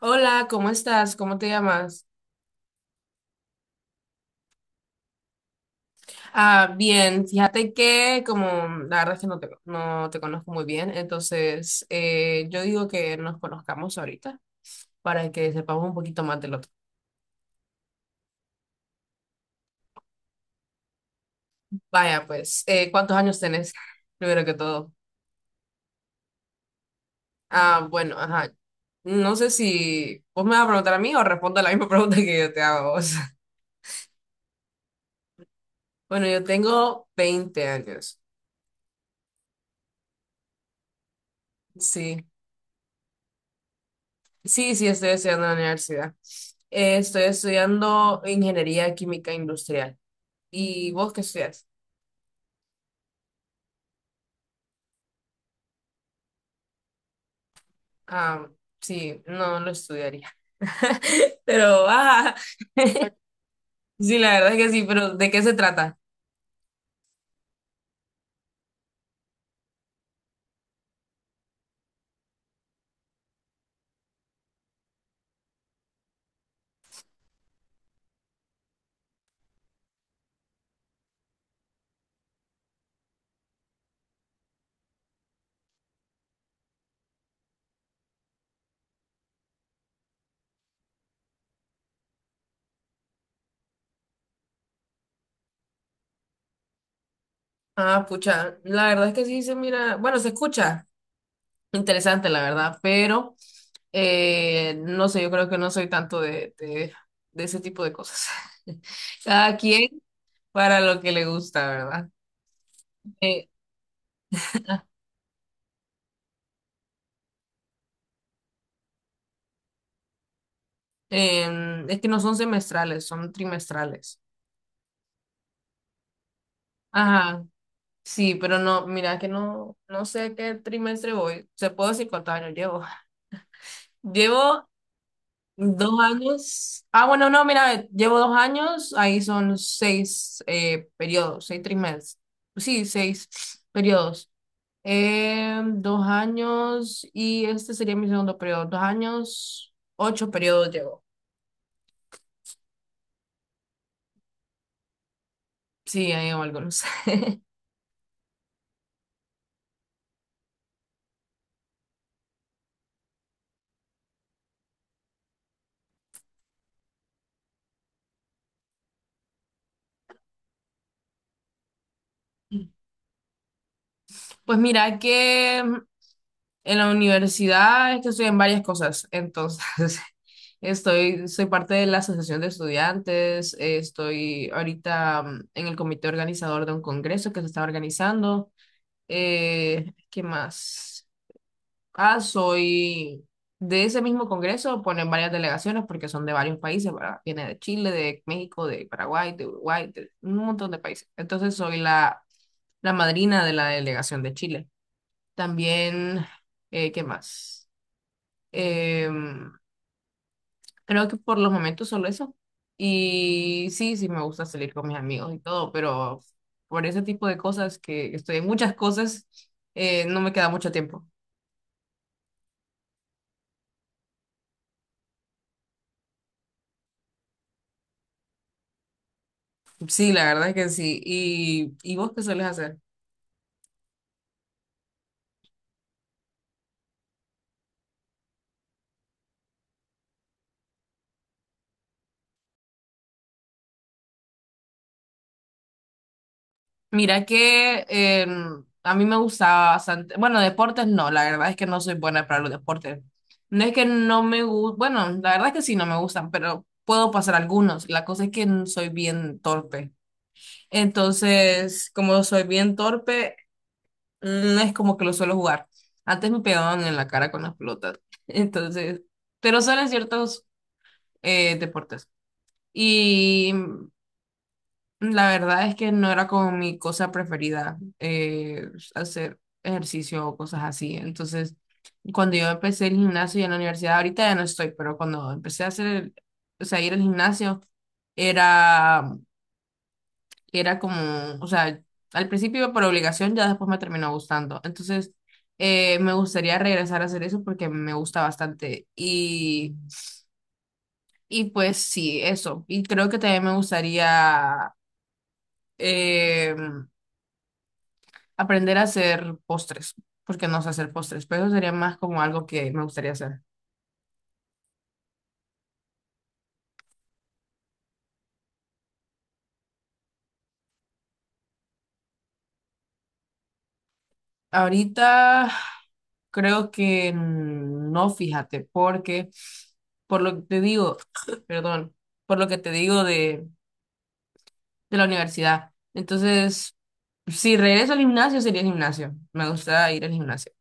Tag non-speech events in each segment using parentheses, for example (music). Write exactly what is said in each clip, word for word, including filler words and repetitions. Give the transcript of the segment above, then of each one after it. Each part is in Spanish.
Hola, ¿cómo estás? ¿Cómo te llamas? Ah, bien, fíjate que como la verdad es que no te, no te conozco muy bien, entonces eh, yo digo que nos conozcamos ahorita para que sepamos un poquito más del otro. Vaya, pues, eh, ¿cuántos años tenés? Primero que todo. Ah, bueno, ajá. No sé si vos me vas a preguntar a mí o respondo a la misma (laughs) pregunta que yo te hago a vos. (laughs) Bueno, yo tengo veinte años. Sí. Sí, sí, estoy estudiando en la universidad. Eh, estoy estudiando ingeniería química industrial. ¿Y vos qué estudias? Ah, sí, no lo estudiaría. (laughs) Pero, ah, sí, la verdad es que sí, pero ¿de qué se trata? Ah, pucha, la verdad es que sí se mira, bueno, se escucha interesante, la verdad, pero eh, no sé, yo creo que no soy tanto de, de, de ese tipo de cosas. (laughs) Cada quien para lo que le gusta, ¿verdad? Eh, Eh, es que no son semestrales, son trimestrales. Ajá, sí, pero no, mira que no, no sé qué trimestre voy. Se puedo decir cuántos años llevo. Llevo dos años. Ah, bueno, no, mira, llevo dos años. Ahí son seis eh, periodos, seis trimestres. Sí, seis periodos. Eh, dos años y este sería mi segundo periodo. Dos años, ocho periodos llevo. Sí, ahí llevo algunos. (laughs) Pues mira que en la universidad es que estoy en varias cosas, entonces (laughs) estoy, soy parte de la Asociación de Estudiantes, eh, estoy ahorita mm, en el comité organizador de un congreso que se está organizando. Eh, ¿qué más? Ah, soy de ese mismo congreso, ponen varias delegaciones porque son de varios países, ¿verdad? Viene de Chile, de México, de Paraguay, de Uruguay, de un montón de países. Entonces soy la, la madrina de la delegación de Chile. También, eh, ¿qué más? Em, creo que por los momentos solo eso. Y sí, sí me gusta salir con mis amigos y todo, pero por ese tipo de cosas que estoy en muchas cosas, eh, no me queda mucho tiempo. Sí, la verdad es que sí. ¿Y, y vos qué sueles hacer? Mira que em, a mí me gustaba bastante, bueno, deportes no, la verdad es que no soy buena para los deportes. No es que no me gusta, bueno, la verdad es que sí no me gustan, pero puedo pasar algunos. La cosa es que soy bien torpe. Entonces, como soy bien torpe, no es como que lo suelo jugar. Antes me pegaban en la cara con las pelotas. (laughs) Entonces, pero solo en ciertos eh, deportes. Y la verdad es que no era como mi cosa preferida eh, hacer ejercicio o cosas así. Entonces, cuando yo empecé el gimnasio y en la universidad, ahorita ya no estoy, pero cuando empecé a hacer el, o sea, ir al gimnasio, era era como, o sea, al principio iba por obligación, ya después me terminó gustando. Entonces, eh, me gustaría regresar a hacer eso porque me gusta bastante. Y, y pues sí, eso. Y creo que también me gustaría eh, aprender a hacer postres, porque no sé hacer postres, pero eso sería más como algo que me gustaría hacer. Ahorita creo que no, fíjate, porque por lo que te digo, (clears throat) perdón, por lo que te digo de la universidad. Entonces, si regreso al gimnasio, sería gimnasio. Me gusta ir al gimnasio.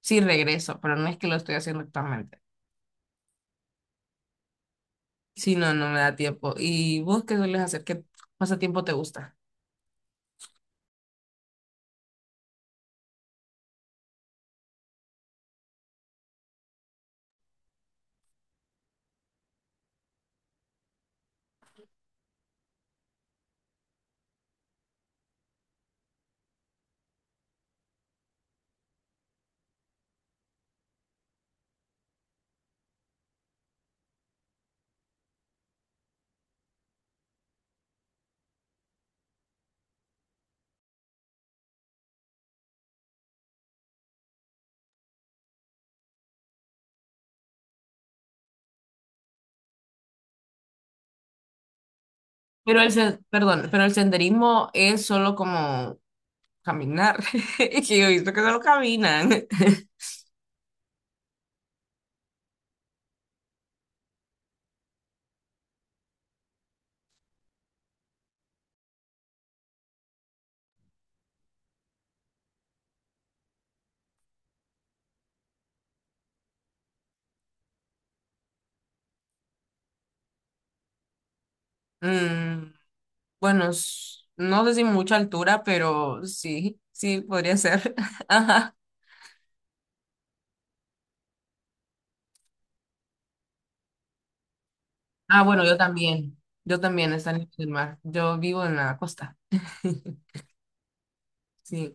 Si regreso, pero no es que lo estoy haciendo actualmente. Si no, no me da tiempo. ¿Y vos qué sueles hacer? ¿Qué pasatiempo te gusta? Pero el, sen- perdón, pero el senderismo es solo como caminar. (laughs) Es que yo he visto que solo caminan. (laughs) Mm, bueno, s- no sé si mucha altura, pero sí, sí, podría ser. (laughs) Ajá. Ah, bueno, yo también. Yo también, está en el mar. Yo vivo en la costa. (laughs) Sí.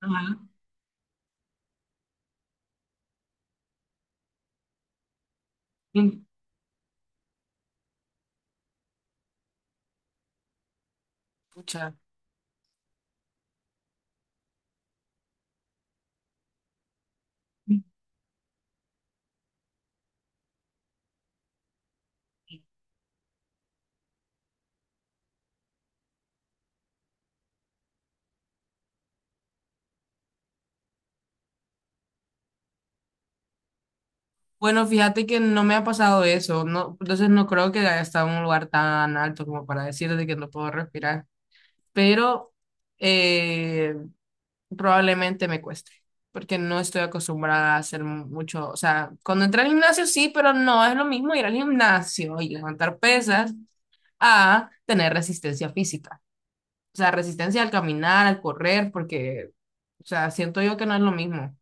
Ajá. Mm. Pucha. Bueno, fíjate que no me ha pasado eso, no, entonces no creo que haya estado en un lugar tan alto como para decir de que no puedo respirar, pero eh, probablemente me cueste, porque no estoy acostumbrada a hacer mu- mucho, o sea, cuando entré al gimnasio sí, pero no es lo mismo ir al gimnasio y levantar pesas a tener resistencia física. O sea, resistencia al caminar, al correr, porque, o sea, siento yo que no es lo mismo.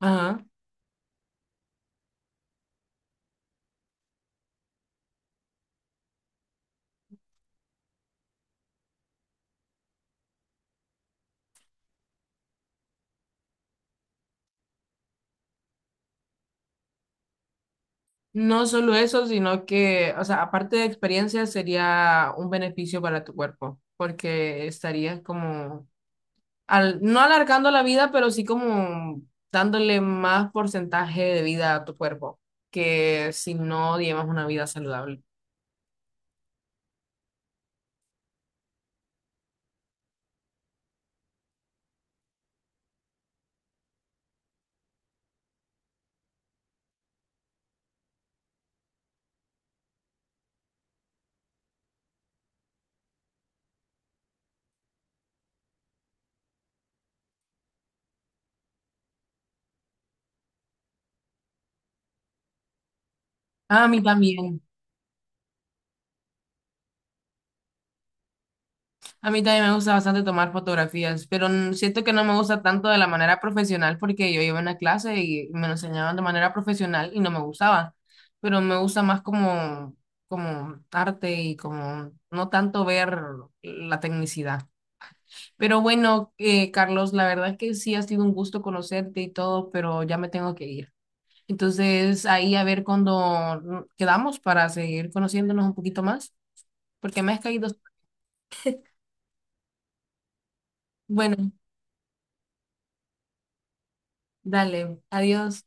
Ajá. No solo eso, sino que, o sea, aparte de experiencia, sería un beneficio para tu cuerpo, porque estarías como, al, no alargando la vida, pero sí como dándole más porcentaje de vida a tu cuerpo, que si no llevas una vida saludable. Ah, a mí también. A mí también me gusta bastante tomar fotografías, pero n- siento que no me gusta tanto de la manera profesional porque yo iba a una clase y me lo enseñaban de manera profesional y no me gustaba, pero me gusta más como, como arte y como no tanto ver la tecnicidad. Pero bueno, eh, Carlos, la verdad es que sí ha sido un gusto conocerte y todo, pero ya me tengo que ir. Entonces ahí a ver cuando mm, quedamos para seguir conociéndonos un poquito más, porque me has caído. Bueno, dale, adiós.